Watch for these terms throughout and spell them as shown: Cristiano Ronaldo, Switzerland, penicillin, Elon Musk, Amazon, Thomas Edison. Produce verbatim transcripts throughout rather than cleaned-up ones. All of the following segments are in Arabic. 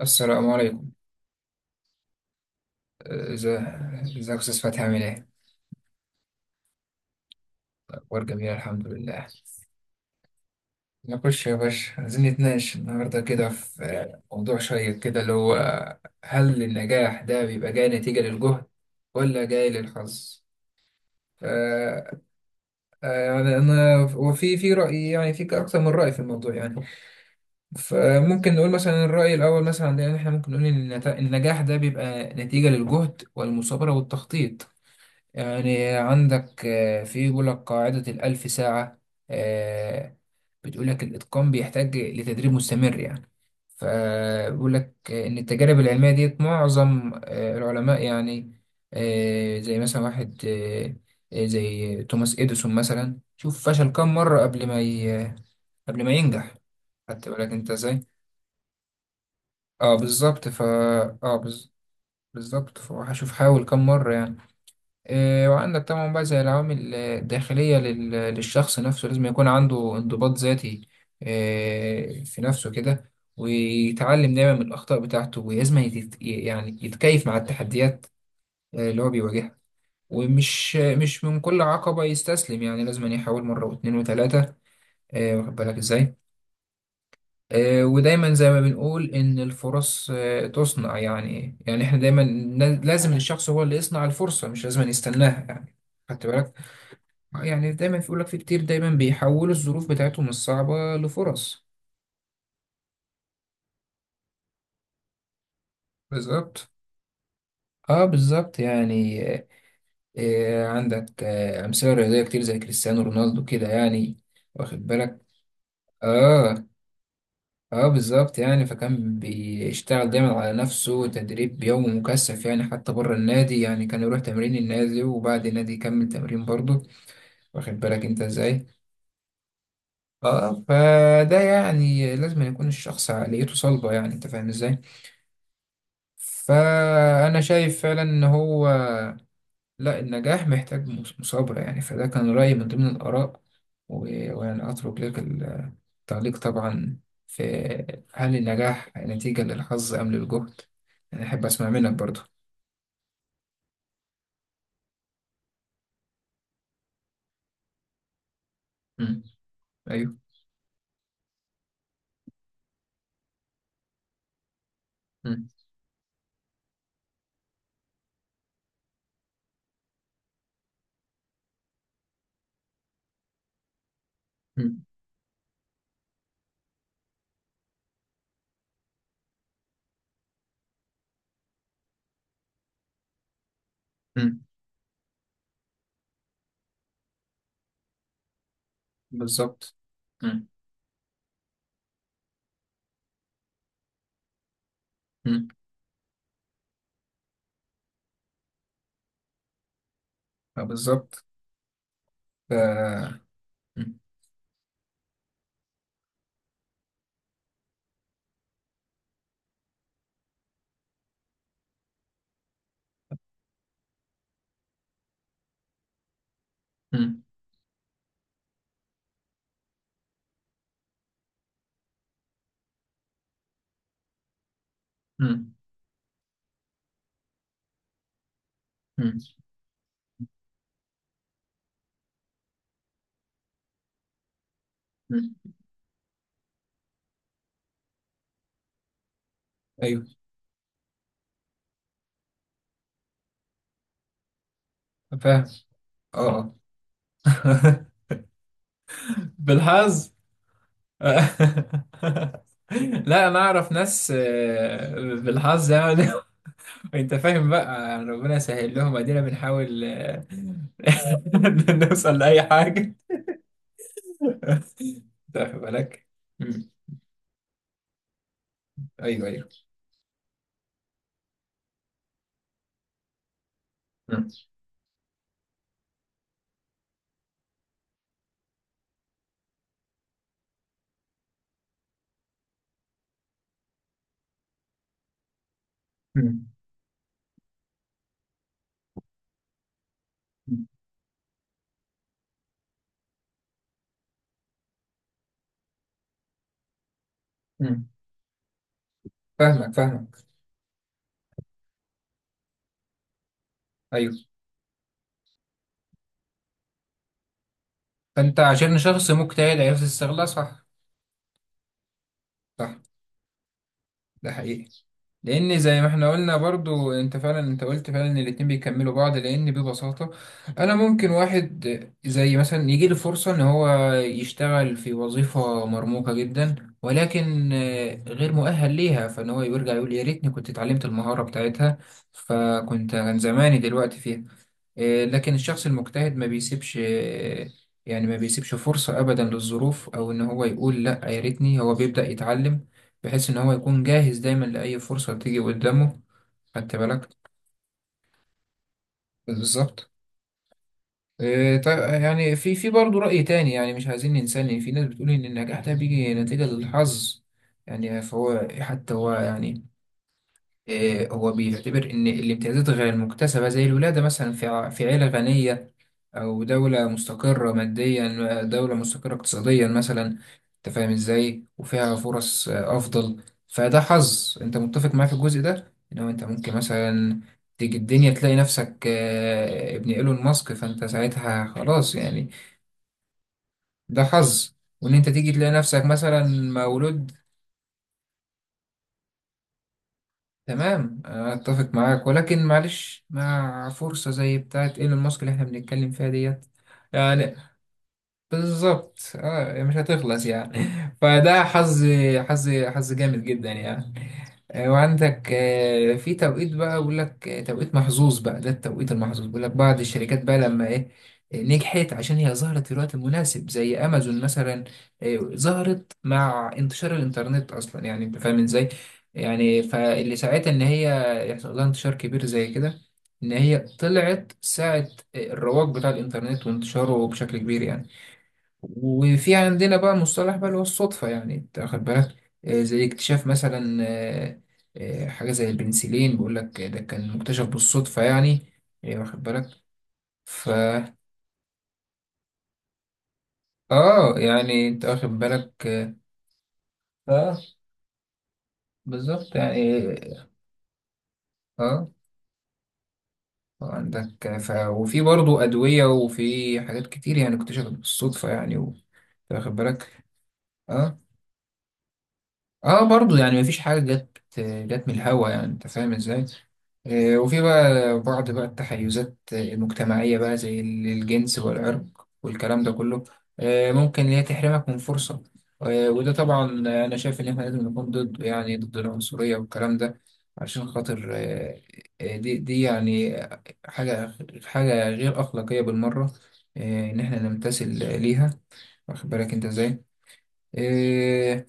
السلام عليكم. ازاي؟ ازيك يا استاذ فتحي، عامل ايه؟ اخبار جميله، الحمد لله. نخش يا باشا، عايزين نتناقش النهارده كده في موضوع شيق كده اللي هو هل النجاح ده بيبقى جاي نتيجه للجهد ولا جاي للحظ؟ ف آه، يعني انا وفي في راي، يعني في اكثر من راي في الموضوع يعني. فممكن نقول مثلا الراي الاول مثلا، عندنا احنا ممكن نقول ان النت- النجاح ده بيبقى نتيجه للجهد والمثابره والتخطيط. يعني عندك، آه، في يقول لك قاعدة الألف ساعة. آه، بتقول لك الإتقان بيحتاج لتدريب مستمر يعني. فبيقول لك إن التجارب العلمية ديت معظم آه، العلماء يعني. آه، زي مثلا واحد، آه، آه، زي توماس إديسون مثلا، شوف فشل كام مرة قبل ما ي... قبل ما ينجح. خدت بالك أنت إزاي؟ أه، بالظبط فا أه، بز- بالظبط، فهشوف حاول كام مرة يعني. إيه، وعندك طبعا بقى زي العوامل آه، الداخلية لل- للشخص نفسه، لازم يكون عنده انضباط ذاتي. إيه، في نفسه كده ويتعلم دايما من الأخطاء بتاعته، ولازم يت- يعني يتكيف مع التحديات آه، اللي هو بيواجهها. ومش آه، مش من كل عقبة يستسلم، يعني لازم يحاول مرة واتنين وتلاتة. آه، واخد بالك ازاي؟ آه، ودايما زي ما بنقول إن الفرص آه، تصنع، يعني يعني احنا دايما لازم الشخص هو اللي يصنع الفرصة، مش لازم يستناها يعني. خدت بالك؟ يعني دايما بيقول لك في كتير دايما بيحولوا الظروف بتاعتهم الصعبة لفرص. بالظبط، اه بالظبط يعني. آه عندك آه أمثلة رياضية كتير زي كريستيانو رونالدو كده يعني. واخد بالك؟ اه اه بالظبط يعني، فكان بيشتغل دايما على نفسه، تدريب يومي مكثف يعني، حتى بره النادي يعني كان يروح تمرين النادي وبعد النادي يكمل تمرين برضه. واخد بالك انت ازاي؟ اه، فده يعني لازم يكون الشخص عقليته صلبة، يعني انت فاهم ازاي؟ فأنا شايف فعلا إن هو، لا، النجاح محتاج مس- مثابرة يعني، فده كان رأيي من ضمن الآراء. و- ويعني أترك لك التعليق طبعا في: هل النجاح نتيجة للحظ أم للجهد؟ أنا أحب أسمع منك برضه. مم. أيوه. مم. مم. مم. بالظبط. مم. مم. آه، بالظبط. ف... مم. مم. مم. مم. أيوه. فاهم. أه. آه. بالحظ. لا، انا اعرف ناس آه، بالحظ يعني. انت فاهم، بقى ربنا يسهل لهم، ادينا بنحاول آه، نوصل لاي حاجه. واخد بالك. مم. ايوه، ايوه. مم. مم. مم. فاهمك فاهمك. ايوه. فانت عشان شخص مجتهد عرفت تستغلها، صح. صح، ده حقيقي، لان زي ما احنا قلنا برضو انت فعلا، انت قلت فعلا ان الاتنين بيكملوا بعض، لان ببساطة انا ممكن واحد زي مثلا يجي له فرصة ان هو يشتغل في وظيفة مرموقة جدا، ولكن آه، غير مؤهل ليها، فان هو يرجع يقول يا ريتني كنت اتعلمت المهارة بتاعتها، فكنت كان زماني دلوقتي فيها. آه، لكن الشخص المجتهد ما بيسيبش آه، يعني ما بيسيبش فرصة أبدا للظروف، أو إن هو يقول لأ، يا ريتني، هو بيبدأ يتعلم بحيث إن هو يكون جاهز دايما لأي فرصة تيجي قدامه. خدت بالك. بالظبط. إيه، طيب يعني في في برضه رأي تاني، يعني مش عايزين ننسى إن في ناس بتقول إن النجاح ده بيجي نتيجة للحظ. يعني فهو حتى هو يعني، آه، هو بيعتبر إن الامتيازات غير المكتسبة زي الولادة مثلا في ع- في عيلة غنية، أو دولة مستقرة ماديا، آه، دولة مستقرة اقتصاديا مثلا. أنت فاهم إزاي، وفيها فرص آه، أفضل، فده حظ. أنت متفق معايا في الجزء ده إن هو أنت ممكن مثلا تيجي الدنيا تلاقي نفسك آه، ابن إيلون ماسك، فأنت ساعتها خلاص يعني. ده حظ. وإن أنت تيجي تلاقي نفسك مثلا مولود. تمام، اتفق معاك، ولكن معلش مع فرصة زي بتاعت ايلون ماسك اللي احنا بنتكلم فيها ديت يعني، بالظبط اه يعني مش هتخلص يعني. فده حظ، حظ حظ جامد جدا يعني. آه، وعندك آه، في توقيت بقى، بيقول لك آه، توقيت محظوظ بقى. ده التوقيت المحظوظ، بيقول لك بعض الشركات بقى لما ايه، آه، نجحت عشان هي ظهرت في الوقت المناسب زي امازون مثلا. آه، ظهرت مع انتشار الانترنت اصلا، يعني انت فاهم ازاي. يعني فاللي ساعتها ان هي يحصل لها انتشار كبير زي كده، ان هي طلعت ساعة آه، الرواج بتاع الانترنت وانتشاره بشكل كبير يعني. وفي عندنا بقى مصطلح بقى اللي هو الصدفة، يعني انت واخد بالك. آه، زي اكتشاف مثلا آه، آه، حاجة زي البنسلين، بيقول لك ده كان مكتشف بالصدفة يعني. آه، واخد بالك. ف اه يعني انت واخد بالك، اه. آه، بالظبط يعني، اه. آه، عندك آه، ف... وفي برضه أدوية وفي حاجات كتير يعني اكتشفت بالصدفة يعني و... واخد بالك. اه، اه برضو يعني مفيش حاجة جت جت من الهوا، يعني انت فاهم ازاي. آه، وفي بقى بعض بقى التحيزات المجتمعية بقى زي ال- الجنس والعرق والكلام ده كله، آه، ممكن إن هي تحرمك من فرصة. آه، وده طبعا أنا شايف إن إحنا لازم نكون ضده، يعني ضد العنصرية والكلام ده عشان خاطر، آه، آه، دي دي يعني حاجة حاجة غير أخلاقية بالمرة، آه، إن إحنا نمتثل ليها. واخد بالك أنت إزاي؟ آه،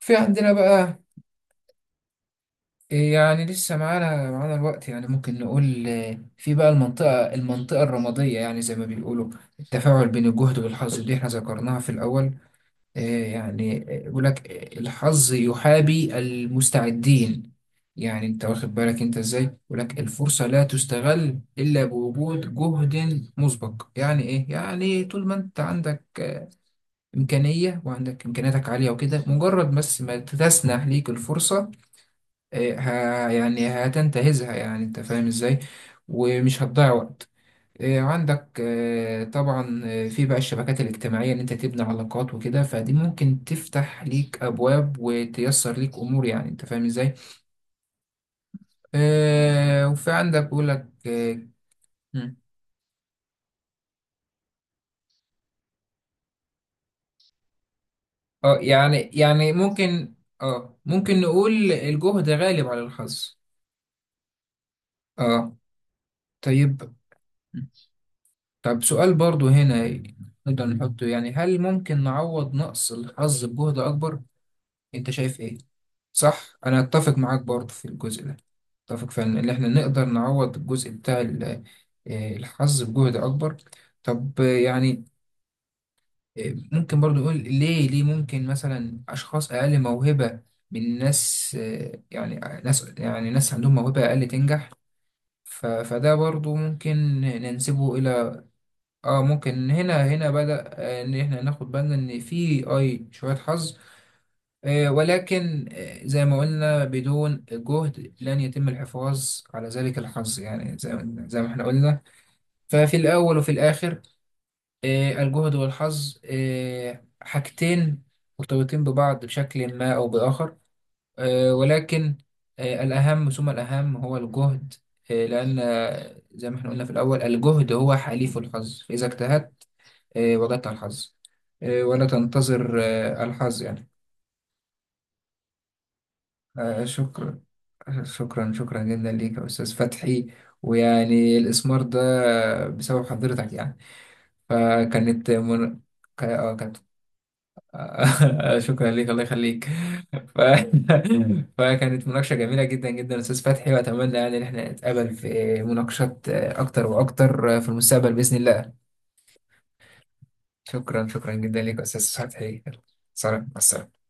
في عندنا بقى إيه يعني، لسه معانا معانا الوقت يعني، ممكن نقول آه، في بقى المنطقة المنطقة الرمادية يعني، زي ما بيقولوا التفاعل بين الجهد والحظ اللي احنا ذكرناها في الأول. آه، يعني آه، يقول لك آه، الحظ يحابي المستعدين، يعني انت واخد بالك انت ازاي. يقول لك الفرصة لا تستغل إلا بوجود جهد مسبق، يعني ايه، يعني طول ما انت عندك إمكانية وعندك إمكانياتك عالية وكده، مجرد بس ما تسنح ليك الفرصة، إيه، ها يعني هتنتهزها، يعني انت فاهم ازاي، ومش هتضيع وقت. إيه، عندك آه، طبعا آه، في بقى الشبكات الاجتماعية، ان انت تبني علاقات وكده، فدي ممكن تفتح ليك ابواب وتيسر ليك امور، يعني انت فاهم ازاي. آه، وفي عندك بقول لك اه. مم. آه، يعني يعني ممكن اه ممكن نقول الجهد غالب على الحظ. اه، طيب. طب سؤال برضو هنا نقدر نحطه يعني: هل ممكن نعوض نقص الحظ بجهد أكبر؟ أنت شايف إيه؟ صح، أنا أتفق معاك برضو في الجزء ده. أتفق فعلا إن إحنا نقدر نعوض الجزء بتاع ال- آه، الحظ بجهد أكبر. طب آه، يعني آه، ممكن برضو نقول ليه ليه ممكن مثلا أشخاص أقل موهبة من ناس، آه، يعني آه، ناس يعني ناس عندهم موهبة أقل تنجح. ف- فده برضو ممكن ننسبه إلى، اه ممكن هنا هنا بدأ آه، ان احنا ناخد بالنا ان في اي شوية حظ، آه، ولكن آه، زي ما قلنا بدون جهد لن يتم الحفاظ على ذلك الحظ، يعني زي ما زي ما احنا قلنا. ففي الاول وفي الاخر، آه، الجهد والحظ آه، حاجتين مرتبطين ببعض بشكل ما او باخر، آه، ولكن آه، الاهم ثم الاهم هو الجهد، آه، لان آه، زي ما احنا قلنا في الاول الجهد هو حليف الحظ، فاذا اجتهدت إيه، وجدت على الحظ. إيه، ولا تنتظر آه، الحظ يعني. آه، شكرا. شكرا، شكرا جدا ليك يا أستاذ فتحي، ويعني الإسمار ده بسبب حضرتك يعني. فكانت من... ك- آه، كانت شكرا ليك، الله يخليك. ف... فكانت مناقشة جميلة جدا جدا يا أستاذ فتحي، وأتمنى يعني إن احنا نتقابل في مناقشات آه، أكتر وأكتر آه، في المستقبل بإذن الله. شكرا، شكرا جدا ليك يا أستاذ فتحي. سلام، مع السلامة.